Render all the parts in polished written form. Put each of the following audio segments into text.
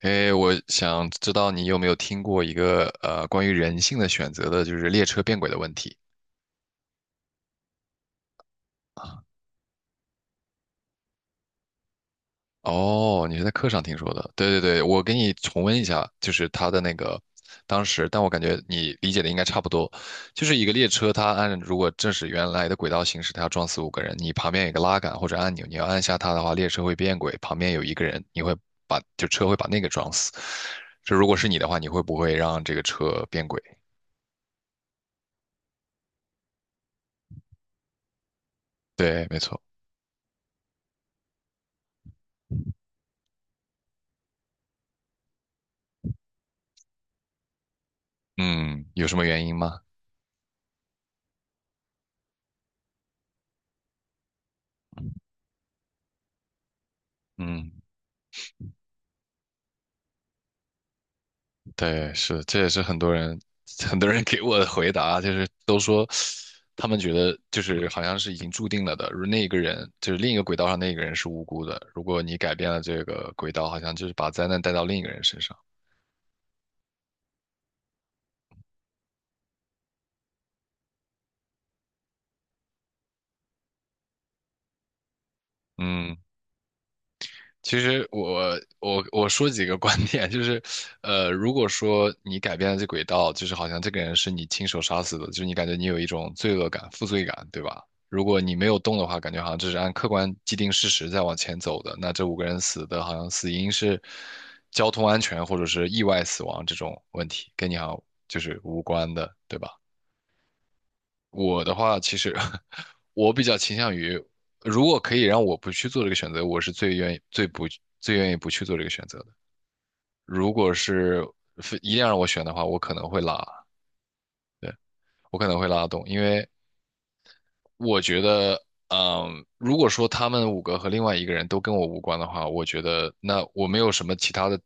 哎，我想知道你有没有听过一个关于人性的选择的，就是列车变轨的问题。哦，你是在课上听说的？对对对，我给你重温一下，就是他的那个当时，但我感觉你理解的应该差不多。就是一个列车，它按如果正是原来的轨道行驶，它要撞死五个人，你旁边有一个拉杆或者按钮，你要按下它的话，列车会变轨，旁边有一个人，你会车会把那个撞死。这如果是你的话，你会不会让这个车变轨？对，没错。嗯，有什么原因吗？嗯，对，是，这也是很多人 很多人给我的回答，就是都说他们觉得就是好像是已经注定了的，如那个人就是另一个轨道上那个人是无辜的，如果你改变了这个轨道，好像就是把灾难带到另一个人身上。嗯，其实我说几个观点，就是，如果说你改变了这轨道，就是好像这个人是你亲手杀死的，就是你感觉你有一种罪恶感、负罪感，对吧？如果你没有动的话，感觉好像这是按客观既定事实在往前走的。那这五个人死的好像死因是交通安全或者是意外死亡这种问题，跟你好像就是无关的，对吧？我的话，其实 我比较倾向于，如果可以让我不去做这个选择，我是最愿意不去做这个选择的。如果是非一定要让我选的话，我可能会拉动，因为我觉得，如果说他们五个和另外一个人都跟我无关的话，我觉得那我没有什么其他的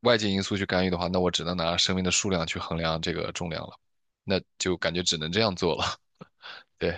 外界因素去干预的话，那我只能拿生命的数量去衡量这个重量了，那就感觉只能这样做了。对，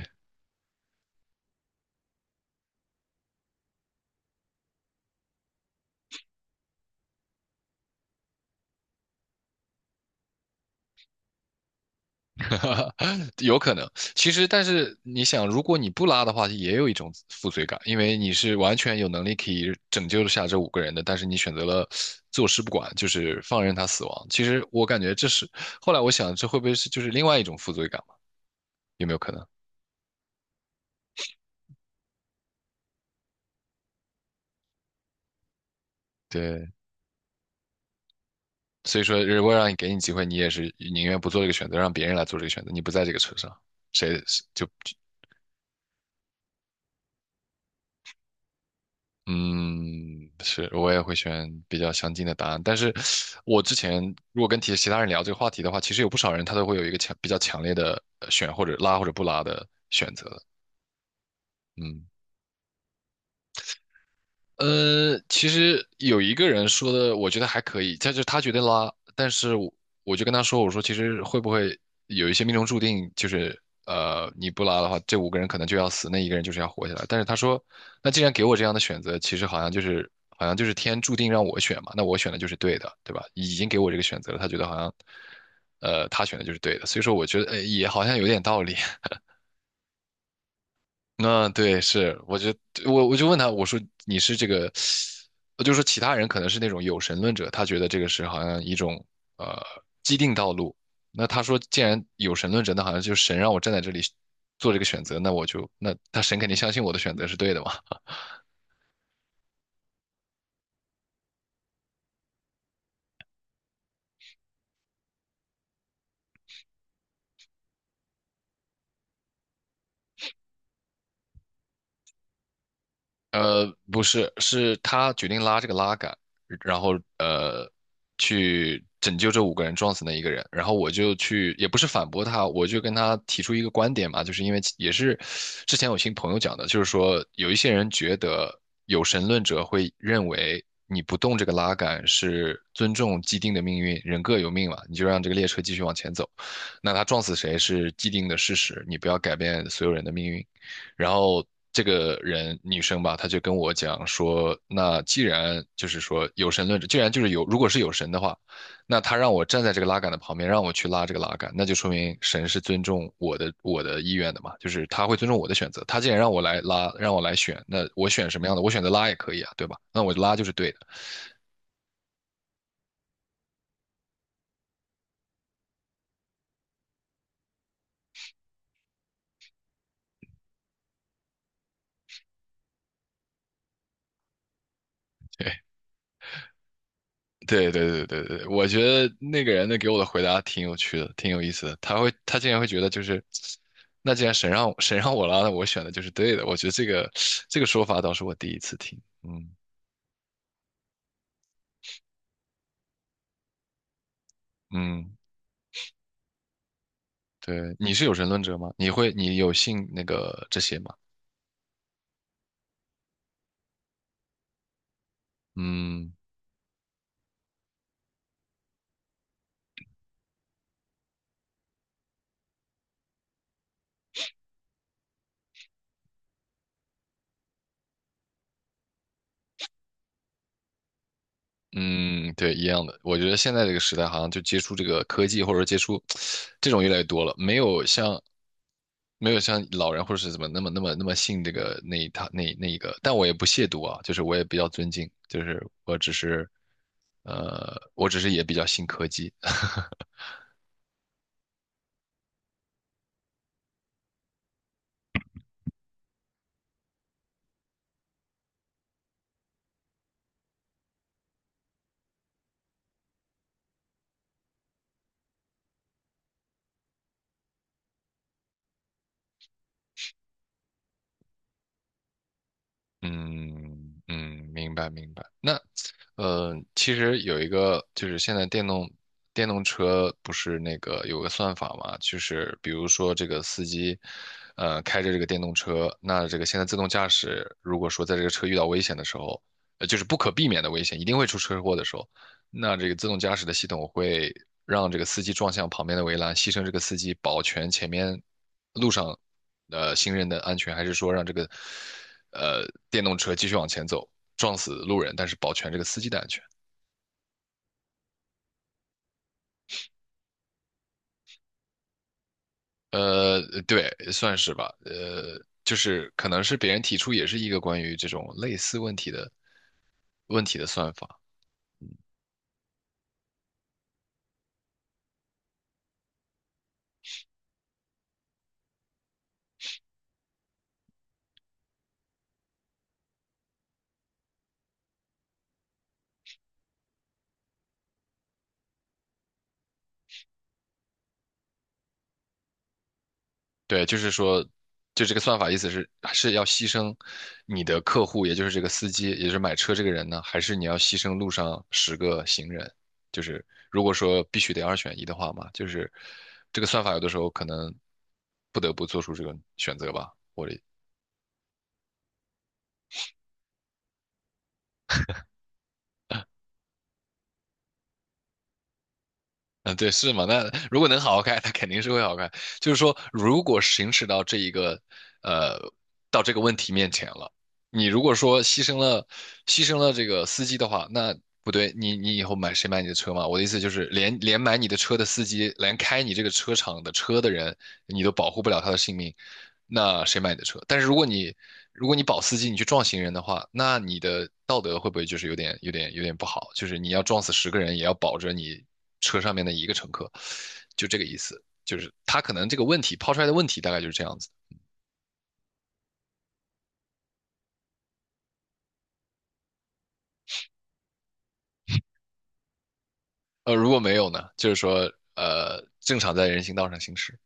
有可能。其实，但是你想，如果你不拉的话，也有一种负罪感，因为你是完全有能力可以拯救下这五个人的，但是你选择了坐视不管，就是放任他死亡。其实我感觉这是，后来我想，这会不会是就是另外一种负罪感嘛？有没有可能？对，所以说，如果让你给你机会，你也是宁愿不做这个选择，让别人来做这个选择，你不在这个车上，谁就嗯，是，我也会选比较相近的答案。但是，我之前如果跟其他人聊这个话题的话，其实有不少人他都会有一个比较强烈的选或者拉或者不拉的选择的。嗯，其实有一个人说的，我觉得还可以，他就他觉得拉，但是我就跟他说，我说其实会不会有一些命中注定，就是你不拉的话，这五个人可能就要死，那一个人就是要活下来。但是他说，那既然给我这样的选择，其实好像就是天注定让我选嘛，那我选的就是对的，对吧？已经给我这个选择了，他觉得好像他选的就是对的，所以说我觉得也好像有点道理。那对，是，我就问他，我说你是这个，我就说其他人可能是那种有神论者，他觉得这个是好像一种呃既定道路。那他说，既然有神论者，那好像就是神让我站在这里做这个选择，那我就那他神肯定相信我的选择是对的嘛。不是，是他决定拉这个拉杆，然后去拯救这五个人撞死那一个人。然后我就去，也不是反驳他，我就跟他提出一个观点嘛，就是因为也是之前有听朋友讲的，就是说有一些人觉得有神论者会认为你不动这个拉杆是尊重既定的命运，人各有命嘛，你就让这个列车继续往前走。那他撞死谁是既定的事实，你不要改变所有人的命运。然后这个人女生吧，她就跟我讲说，那既然就是说有神论者，既然就是有，如果是有神的话，那他让我站在这个拉杆的旁边，让我去拉这个拉杆，那就说明神是尊重我的意愿的嘛，就是他会尊重我的选择。他既然让我来拉，让我来选，那我选什么样的，我选择拉也可以啊，对吧？那我拉就是对的。对，对对对对对，我觉得那个人的给我的回答挺有趣的，挺有意思的。他竟然会觉得就是，那既然神让我拉，那我选的就是对的。我觉得这个说法倒是我第一次听。嗯嗯，对，你是有神论者吗？你有信那个这些吗？嗯嗯，对，一样的。我觉得现在这个时代，好像就接触这个科技，或者说接触这种越来越多了，没有像老人或者是怎么那么信这个那一套那一个。但我也不亵渎啊，就是我也比较尊敬，就是我只是也比较信科技。嗯嗯，明白明白。那其实有一个就是现在电动车不是那个有个算法嘛，就是比如说这个司机，开着这个电动车，那这个现在自动驾驶，如果说在这个车遇到危险的时候，就是不可避免的危险，一定会出车祸的时候，那这个自动驾驶的系统会让这个司机撞向旁边的围栏，牺牲这个司机，保全前面路上，行人的安全，还是说让这个呃电动车继续往前走，撞死路人，但是保全这个司机的安全？呃，对，算是吧。就是可能是别人提出也是一个关于这种类似问题的算法。对，就是说，就这个算法意思是要牺牲你的客户，也就是这个司机，也就是买车这个人呢，还是你要牺牲路上10个行人？就是如果说必须得二选一的话嘛，就是这个算法有的时候可能不得不做出这个选择吧。嗯，对，是嘛？那如果能好好开，它肯定是会好开，就是说，如果行驶到这一个，呃，到这个问题面前了，你如果说牺牲了这个司机的话，那不对，你以后买你的车嘛？我的意思就是，连买你的车的司机，连开你这个车厂的车的人，你都保护不了他的性命。那谁买你的车？但是如果你保司机，你去撞行人的话，那你的道德会不会就是有点不好？就是你要撞死10个人，也要保着你车上面的一个乘客，就这个意思。就是他可能这个问题抛出来的问题大概就是这样子。如果没有呢，就是说正常在人行道上行驶。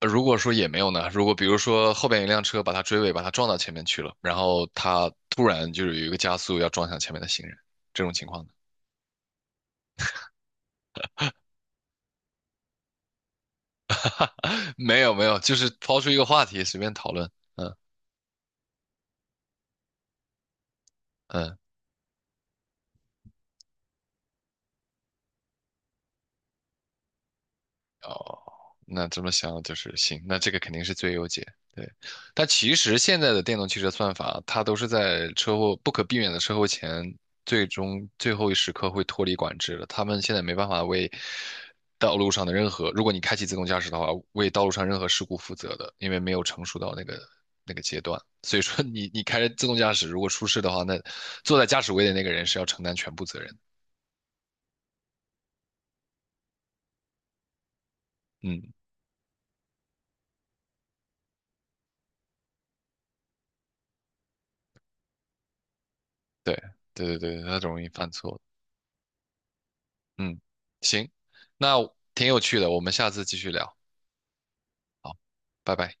如果说也没有呢，如果比如说后边有一辆车把他追尾，把他撞到前面去了，然后他突然就是有一个加速要撞向前面的行人，这种情况呢没有没有，就是抛出一个话题，随便讨论。嗯嗯，哦，那这么想就是行，那这个肯定是最优解。对，但其实现在的电动汽车算法，它都是在车祸不可避免的车祸前，最终最后一时刻会脱离管制的。他们现在没办法为道路上的任何，如果你开启自动驾驶的话，为道路上任何事故负责的，因为没有成熟到那个阶段。所以说你开着自动驾驶，如果出事的话，那坐在驾驶位的那个人是要承担全部责任的。嗯，对对对对，它容易犯错。嗯，行，那挺有趣的，我们下次继续聊。好，拜拜。